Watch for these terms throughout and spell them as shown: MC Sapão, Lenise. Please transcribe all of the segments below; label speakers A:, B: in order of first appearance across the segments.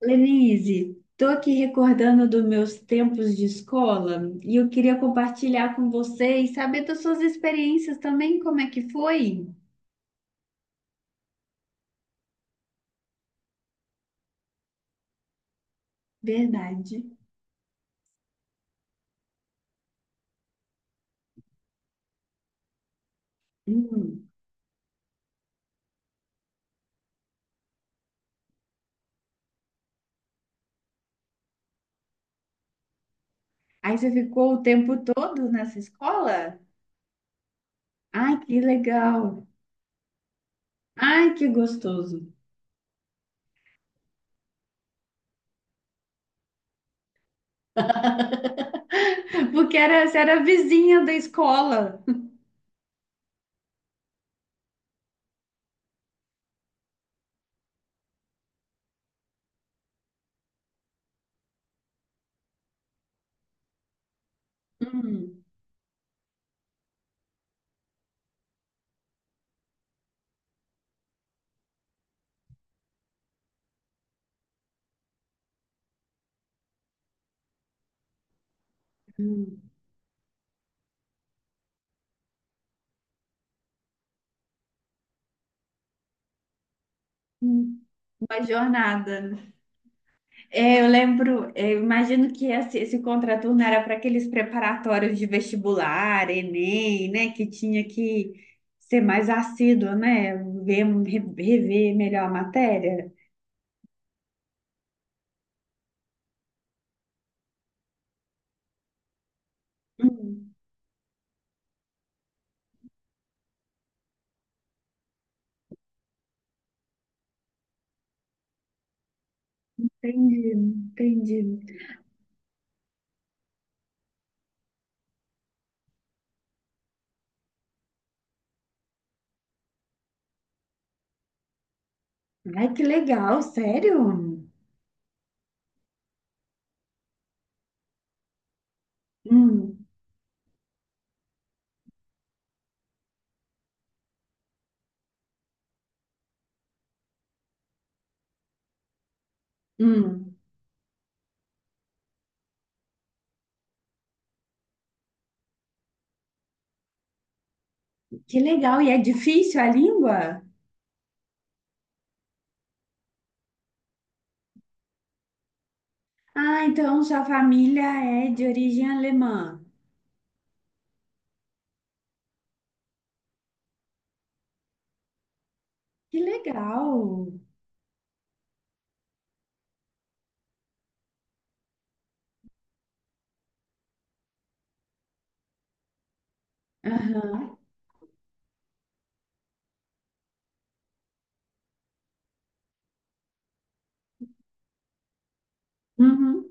A: Lenise, estou aqui recordando dos meus tempos de escola e eu queria compartilhar com você e saber das suas experiências também, como é que foi? Verdade. Hum. Aí você ficou o tempo todo nessa escola? Ai, que legal. Ai, que gostoso. Porque você era vizinha da escola. Hum. Hum. Hum. Uma jornada. É, eu lembro, é, eu imagino que esse contraturno era para aqueles preparatórios de vestibular, Enem, né? Que tinha que ser mais assíduo, né? Ver, rever melhor a matéria. Hum, entendi, entendi. Ai, que legal, sério? Hum, hum, que legal. E é difícil a língua? Ah, então sua família é de origem alemã. Que legal. Aham. Uhum.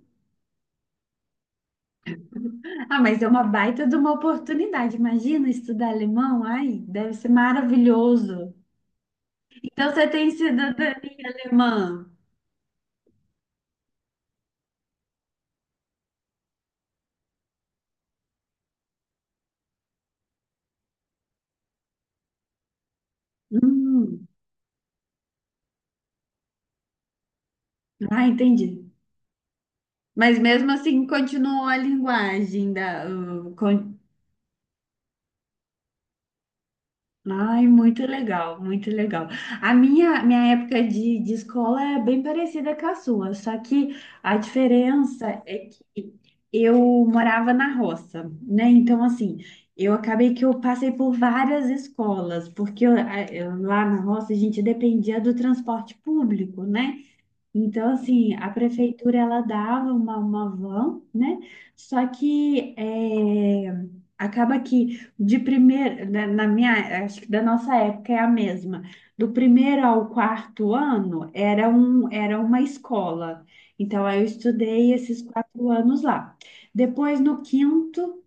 A: Ah, mas é uma baita de uma oportunidade. Imagina estudar alemão? Ai, deve ser maravilhoso. Então você tem cidadania alemã. Hum, ah, entendi. Mas mesmo assim continuou a linguagem da. Ai, muito legal, muito legal. A minha época de escola é bem parecida com a sua, só que a diferença é que eu morava na roça, né? Então, assim, eu acabei que eu passei por várias escolas, porque lá na roça a gente dependia do transporte público, né? Então, assim, a prefeitura ela dava uma van, né? Só que é, acaba que de primeiro, na minha, acho que da nossa época é a mesma. Do primeiro ao quarto ano era uma escola. Então, aí eu estudei esses 4 anos lá. Depois, no quinto,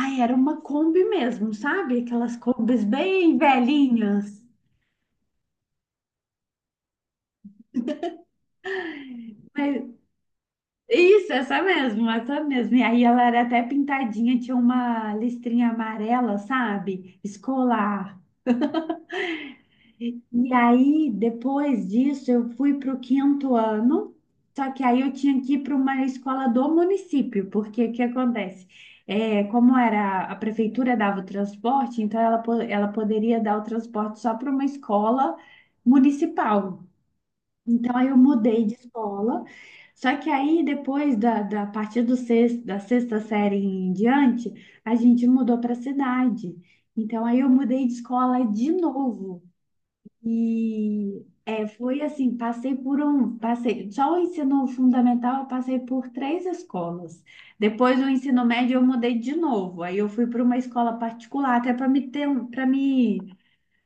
A: ai, era uma Kombi mesmo, sabe? Aquelas Kombis bem velhinhas. Isso, essa mesmo, essa mesmo. E aí ela era até pintadinha, tinha uma listrinha amarela, sabe? Escolar. E aí, depois disso, eu fui para o quinto ano, só que aí eu tinha que ir para uma escola do município, porque o que acontece? É, como era a prefeitura dava o transporte, então ela poderia dar o transporte só para uma escola municipal. Então, aí eu mudei de escola. Só que aí, depois da, da a partir do sexto, da sexta série em diante, a gente mudou para a cidade. Então, aí eu mudei de escola de novo. E foi assim, passei, só o ensino fundamental eu passei por três escolas. Depois do ensino médio eu mudei de novo. Aí eu fui para uma escola particular, até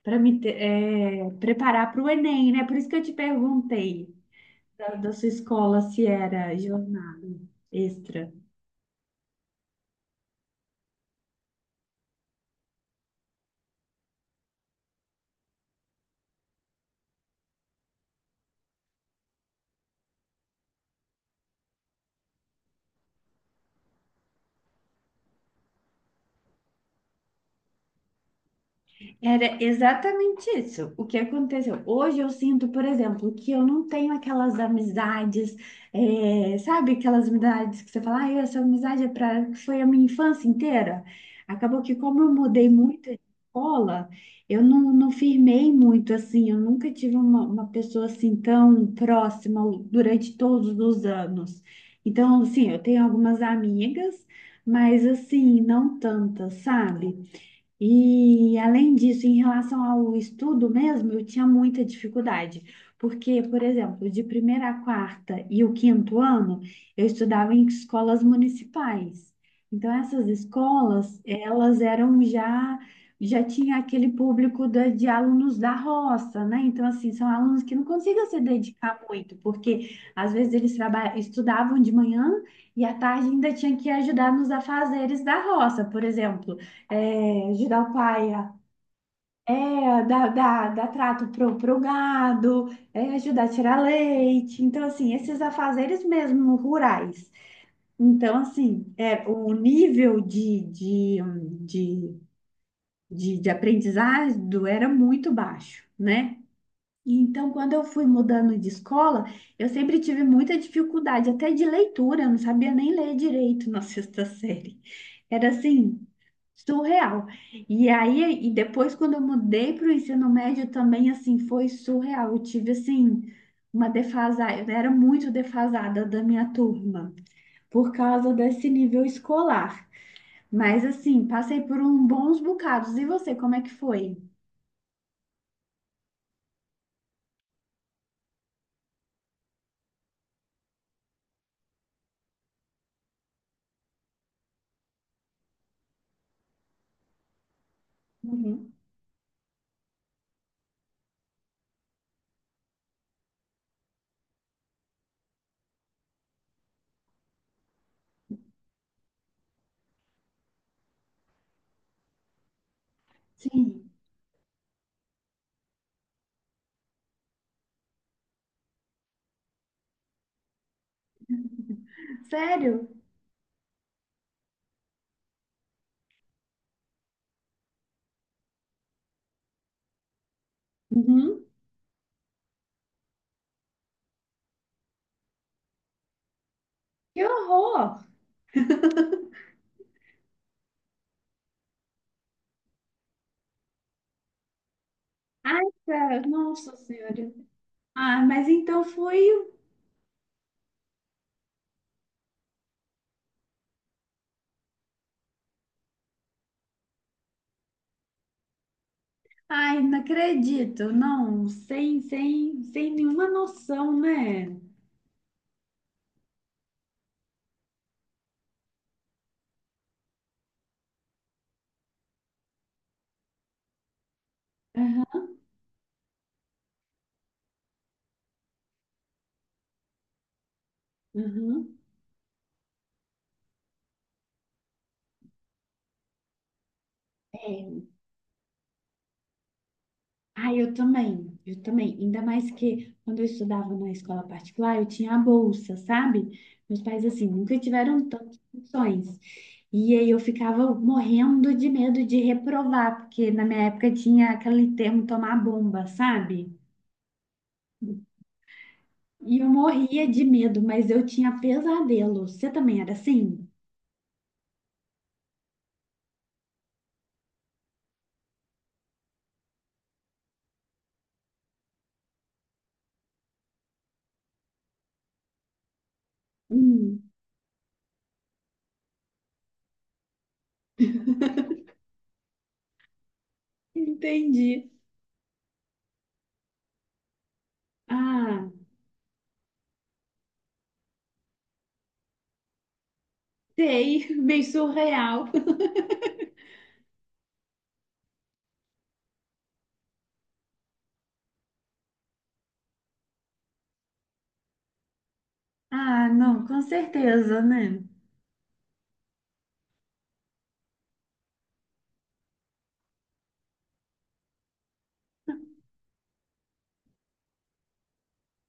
A: para me ter, preparar para o Enem, né? Por isso que eu te perguntei da sua escola se era jornada extra? Era exatamente isso. O que aconteceu? Hoje eu sinto, por exemplo, que eu não tenho aquelas amizades, sabe? Aquelas amizades que você fala, ah, essa amizade é pra, foi a minha infância inteira. Acabou que, como eu mudei muito de escola, eu não firmei muito assim. Eu nunca tive uma pessoa assim tão próxima durante todos os anos. Então, assim, eu tenho algumas amigas, mas assim, não tantas, sabe? E além disso, em relação ao estudo mesmo, eu tinha muita dificuldade, porque, por exemplo, de primeira a quarta e o quinto ano, eu estudava em escolas municipais. Então, essas escolas, já tinha aquele público de alunos da roça, né? Então, assim, são alunos que não conseguiam se dedicar muito, porque às vezes eles estudavam de manhã e à tarde ainda tinham que ajudar nos afazeres da roça, por exemplo ajudar o pai a dar trato pro gado, ajudar a tirar leite. Então, assim, esses afazeres mesmo rurais. Então, assim, o nível de, de aprendizado era muito baixo, né? E então, quando eu fui mudando de escola, eu sempre tive muita dificuldade, até de leitura, eu não sabia nem ler direito na sexta série. Era assim, surreal. E aí, e depois, quando eu mudei para o ensino médio, também, assim, foi surreal. Eu tive, assim, uma defasada, eu era muito defasada da minha turma, por causa desse nível escolar. Mas, assim, passei por um bons bocados. E você, como é que foi? Uhum. Sim. Sério? Uhum. Que horror! Ai, cara, nossa senhora. Ah, mas então foi. Ai, não acredito. Não, sem nenhuma noção, né? Aham, aham. É. Ai, eu também, eu também. Ainda mais que quando eu estudava na escola particular, eu tinha a bolsa, sabe? Meus pais, assim, nunca tiveram tantas opções. E aí eu ficava morrendo de medo de reprovar, porque na minha época tinha aquele termo tomar bomba, sabe? E eu morria de medo, mas eu tinha pesadelo. Você também era assim? Hum, entendi. Ah, sei, bem surreal. Ah, não, com certeza, né?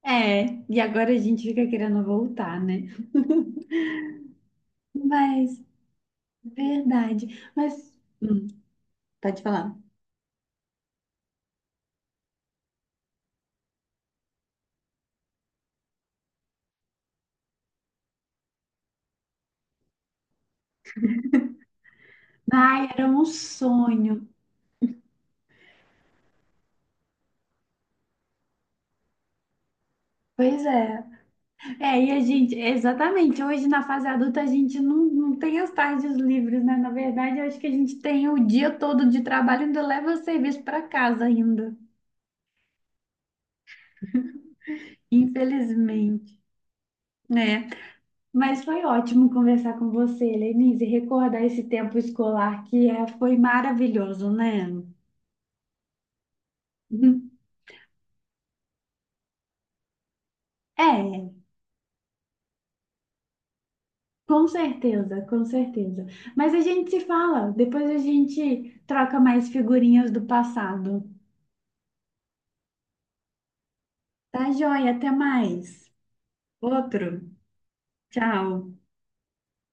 A: É, e agora a gente fica querendo voltar, né? Mas, verdade. Mas, hum, pode falar. Ai, era um sonho. Pois é. É, e a gente, exatamente, hoje na fase adulta a gente não tem as tardes livres, né? Na verdade, eu acho que a gente tem o dia todo de trabalho e ainda leva o serviço para casa ainda, infelizmente. É, mas foi ótimo conversar com você, Lenise, e recordar esse tempo escolar que foi maravilhoso, né? Uhum. É, com certeza, com certeza. Mas a gente se fala, depois a gente troca mais figurinhas do passado. Tá joia, até mais. Outro. Tchau.